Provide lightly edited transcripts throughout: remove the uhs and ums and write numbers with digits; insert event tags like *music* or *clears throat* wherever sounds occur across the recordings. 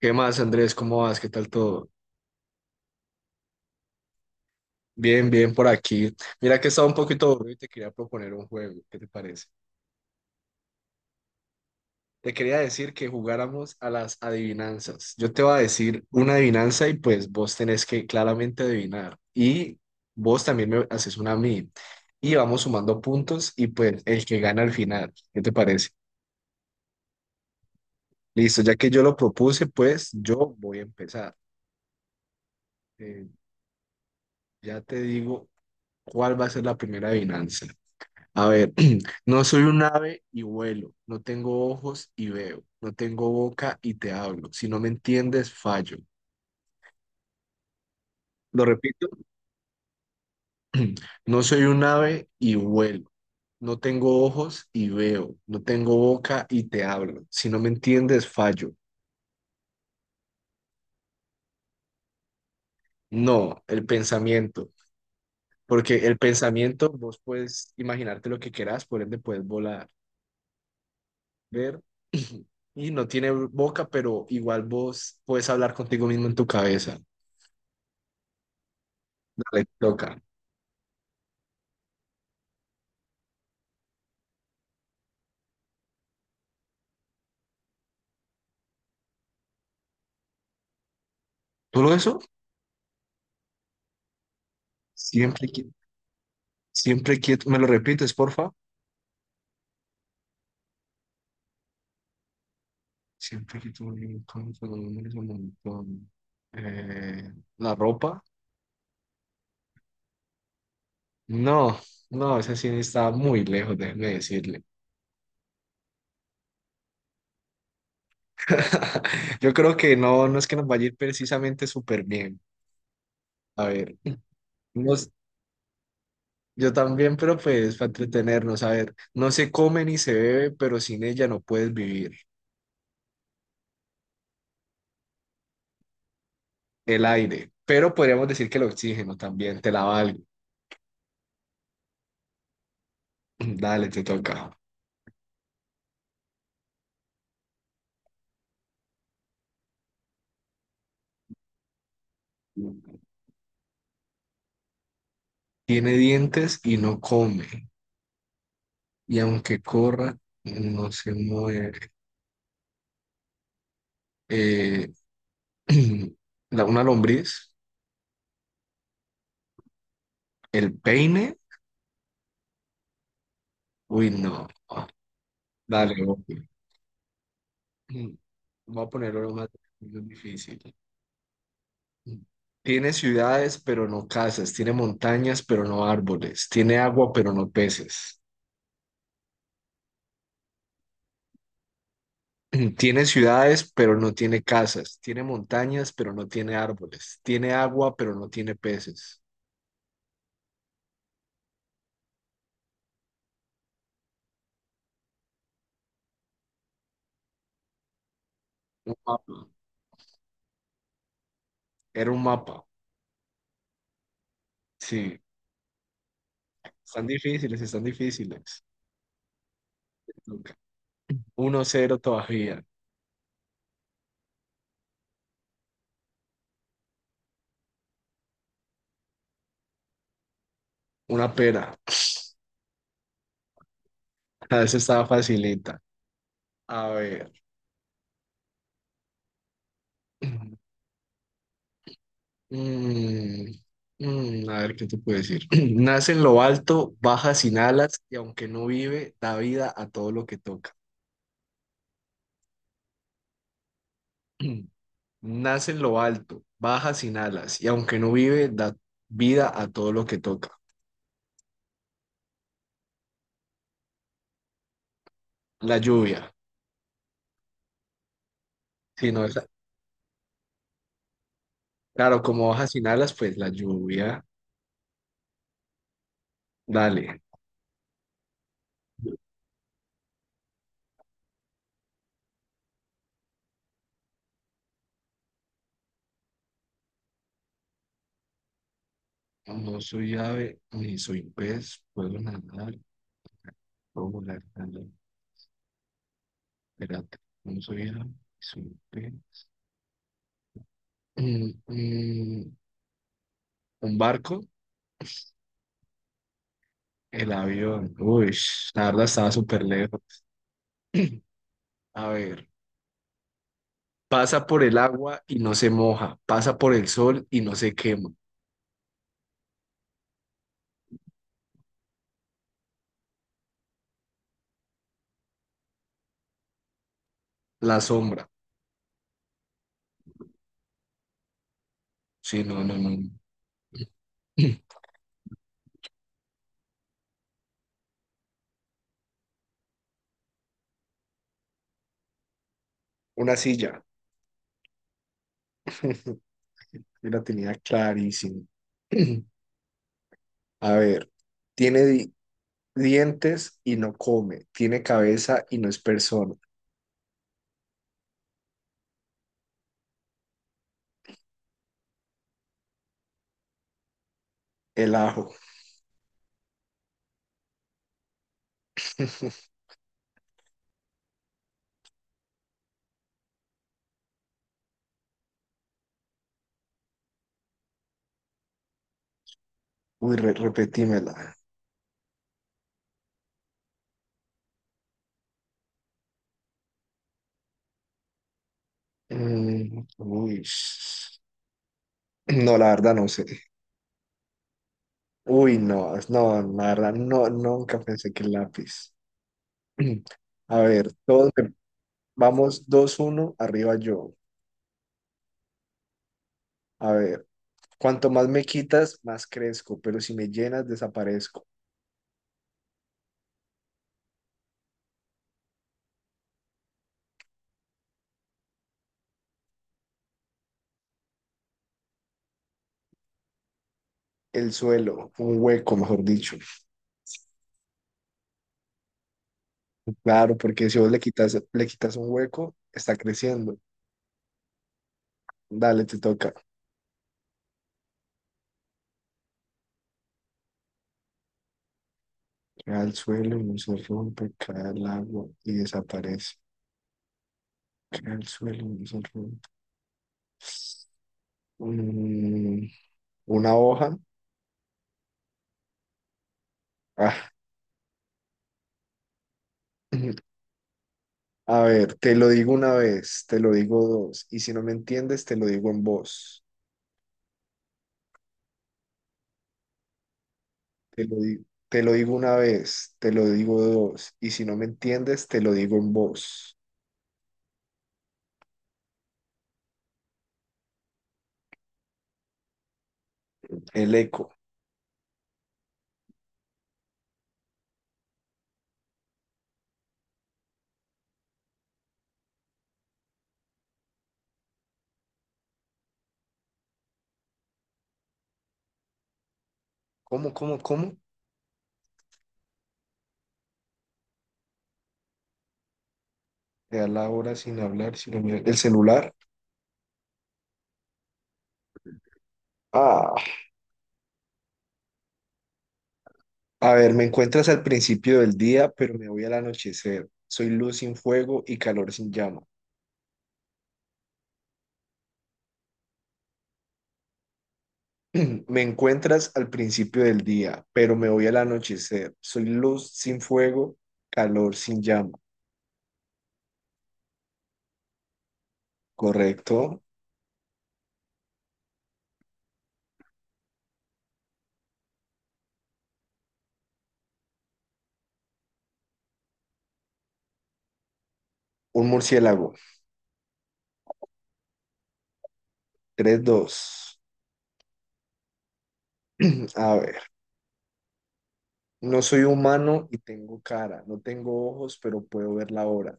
¿Qué más, Andrés? ¿Cómo vas? ¿Qué tal todo? Bien, bien por aquí. Mira que estaba un poquito aburrido y te quería proponer un juego. ¿Qué te parece? Te quería decir que jugáramos a las adivinanzas. Yo te voy a decir una adivinanza y pues vos tenés que claramente adivinar. Y vos también me haces una a mí. Y vamos sumando puntos y pues el que gana al final. ¿Qué te parece? Listo, ya que yo lo propuse, pues yo voy a empezar. Eh, ya te digo cuál va a ser la primera adivinanza. A ver, *clears throat* no soy un ave y vuelo, no tengo ojos y veo, no tengo boca y te hablo. Si no me entiendes, fallo. Lo repito, *clears throat* no soy un ave y vuelo, no tengo ojos y veo, no tengo boca y te hablo. Si no me entiendes, fallo. No, el pensamiento, porque el pensamiento vos puedes imaginarte lo que quieras, por ende puedes volar, ver. *clears throat* Y no tiene boca, pero igual vos puedes hablar contigo mismo en tu cabeza. Dale, toca. Solo eso, siempre que, siempre quieto. ¿Me lo repites, porfa? Siempre quieto, un montón, solo números, un montón. Eh, ¿La ropa? No, no, esa sí está muy lejos, déjeme decirle. *laughs* Yo creo que no, no es que nos vaya a ir precisamente súper bien. A ver, nos- yo también, pero pues para entretenernos, a ver, no se come ni se bebe, pero sin ella no puedes vivir. El aire, pero podríamos decir que el oxígeno también, te la valgo. *clears throat* Dale, te toca. Tiene dientes y no come, y aunque corra, no se mueve. Eh, *clears throat* una lombriz, el peine, uy, no. Dale, ok. Mm, voy a ponerlo lo más difícil. Mm. Tiene ciudades, pero no casas. Tiene montañas, pero no árboles. Tiene agua, pero no peces. *clears throat* Tiene ciudades, pero no tiene casas. Tiene montañas, pero no tiene árboles. Tiene agua, pero no tiene peces. Un mapa. Era un mapa. Sí, están difíciles, están difíciles. Luca. 1-0 todavía. Una pera. A veces estaba facilita. A ver. *clears throat* Mm, a ver, ¿qué te puedo decir? *clears throat* Nace en lo alto, baja sin alas y aunque no vive, da vida a todo lo que toca. *clears throat* Nace en lo alto, baja sin alas y aunque no vive, da vida a todo lo que toca. La lluvia. Si no, esa- claro, como baja sin alas, pues la lluvia. Dale. No soy ave ni soy pez, puedo nadar, puedo volar también. Espérate, no soy ave ni soy pez. Mm, mm, un barco, el avión. Uy, la verdad estaba súper lejos. A ver, pasa por el agua y no se moja, pasa por el sol y no se quema. La sombra. Sí, no, no, no. *clears throat* Una silla. *laughs* Yo la tenía clarísima. *clears throat* A ver, tiene, di- dientes y no come, tiene cabeza y no es persona. El ajo. *laughs* Uy, repetímela. Uy. No, la verdad no sé. Uy, no, no, la verdad, no, nunca pensé que el lápiz. *clears throat* A ver, vamos 2-1 arriba yo. A ver, cuanto más me quitas, más crezco, pero si me llenas, desaparezco. El suelo, un hueco, mejor dicho. Claro, porque si vos le quitas un hueco, está creciendo. Dale, te toca. Cae al suelo y no se rompe, cae al agua y desaparece. Cae al suelo y no se rompe. Mm, una hoja. Ah, *laughs* *clears throat* a ver, te lo digo una vez, te lo digo dos. Y si no me entiendes, te lo digo en voz. Te lo di- te lo digo una vez, te lo digo dos. Y si no me entiendes, te lo digo en voz. El eco. Cómo? Te da la hora sin hablar, sin mirar. El celular. Ah. A ver, me encuentras al principio del día, pero me voy al anochecer. Soy luz sin fuego y calor sin llama. *clears throat* Me encuentras al principio del día, pero me voy al anochecer. Soy luz sin fuego, calor sin llama. Correcto. Un murciélago. 3-2. *clears throat* A ver, no soy humano y tengo cara. No tengo ojos, pero puedo ver la hora.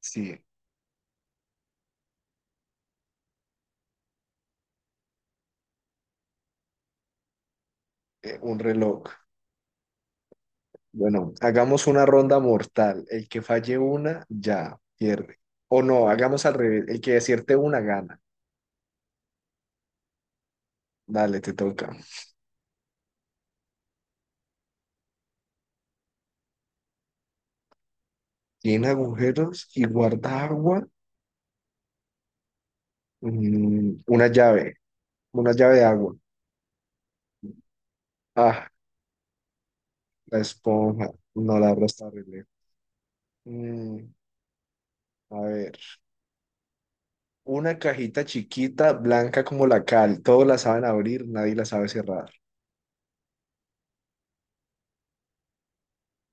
Sí, un reloj. Bueno, hagamos una ronda mortal. El que falle una, ya pierde. O no, hagamos al revés. El que acierte una, gana. Dale, te toca. Tiene agujeros y guarda agua. Una llave. Una llave de agua. Ah, la esponja. No, la abro está re lejos. Mm, a ver. Una cajita chiquita, blanca como la cal. Todos la saben abrir, nadie la sabe cerrar.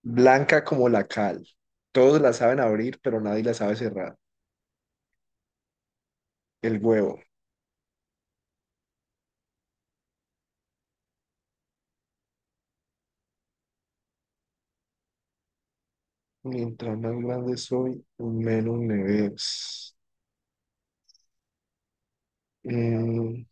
Blanca como la cal. Todos la saben abrir, pero nadie la sabe cerrar. El huevo. Mientras más grande soy, menos me ves. Mm,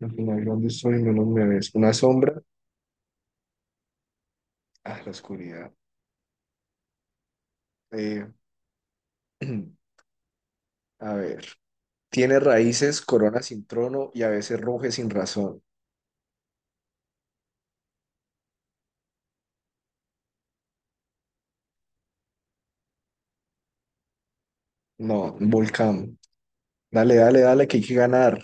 mientras más grande soy, menos me ves. Una sombra a la oscuridad. Eh, *clears throat* a ver. Tiene raíces, corona sin trono y a veces ruge sin razón. No, un volcán. Dale, dale, dale, que hay que ganar.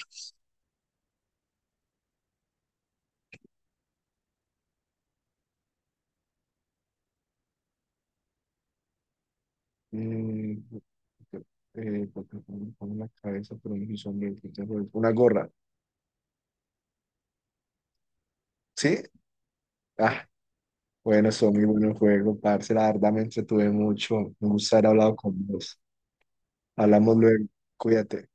Mm, porque me pone la cabeza, pero no soy sombra, entonces, una gorra. ¿Sí? Ah, bueno, son muy buenos juegos, parce. La verdad me entretuve mucho. Me gusta haber hablado con vos. Hablamos luego. Cuídate.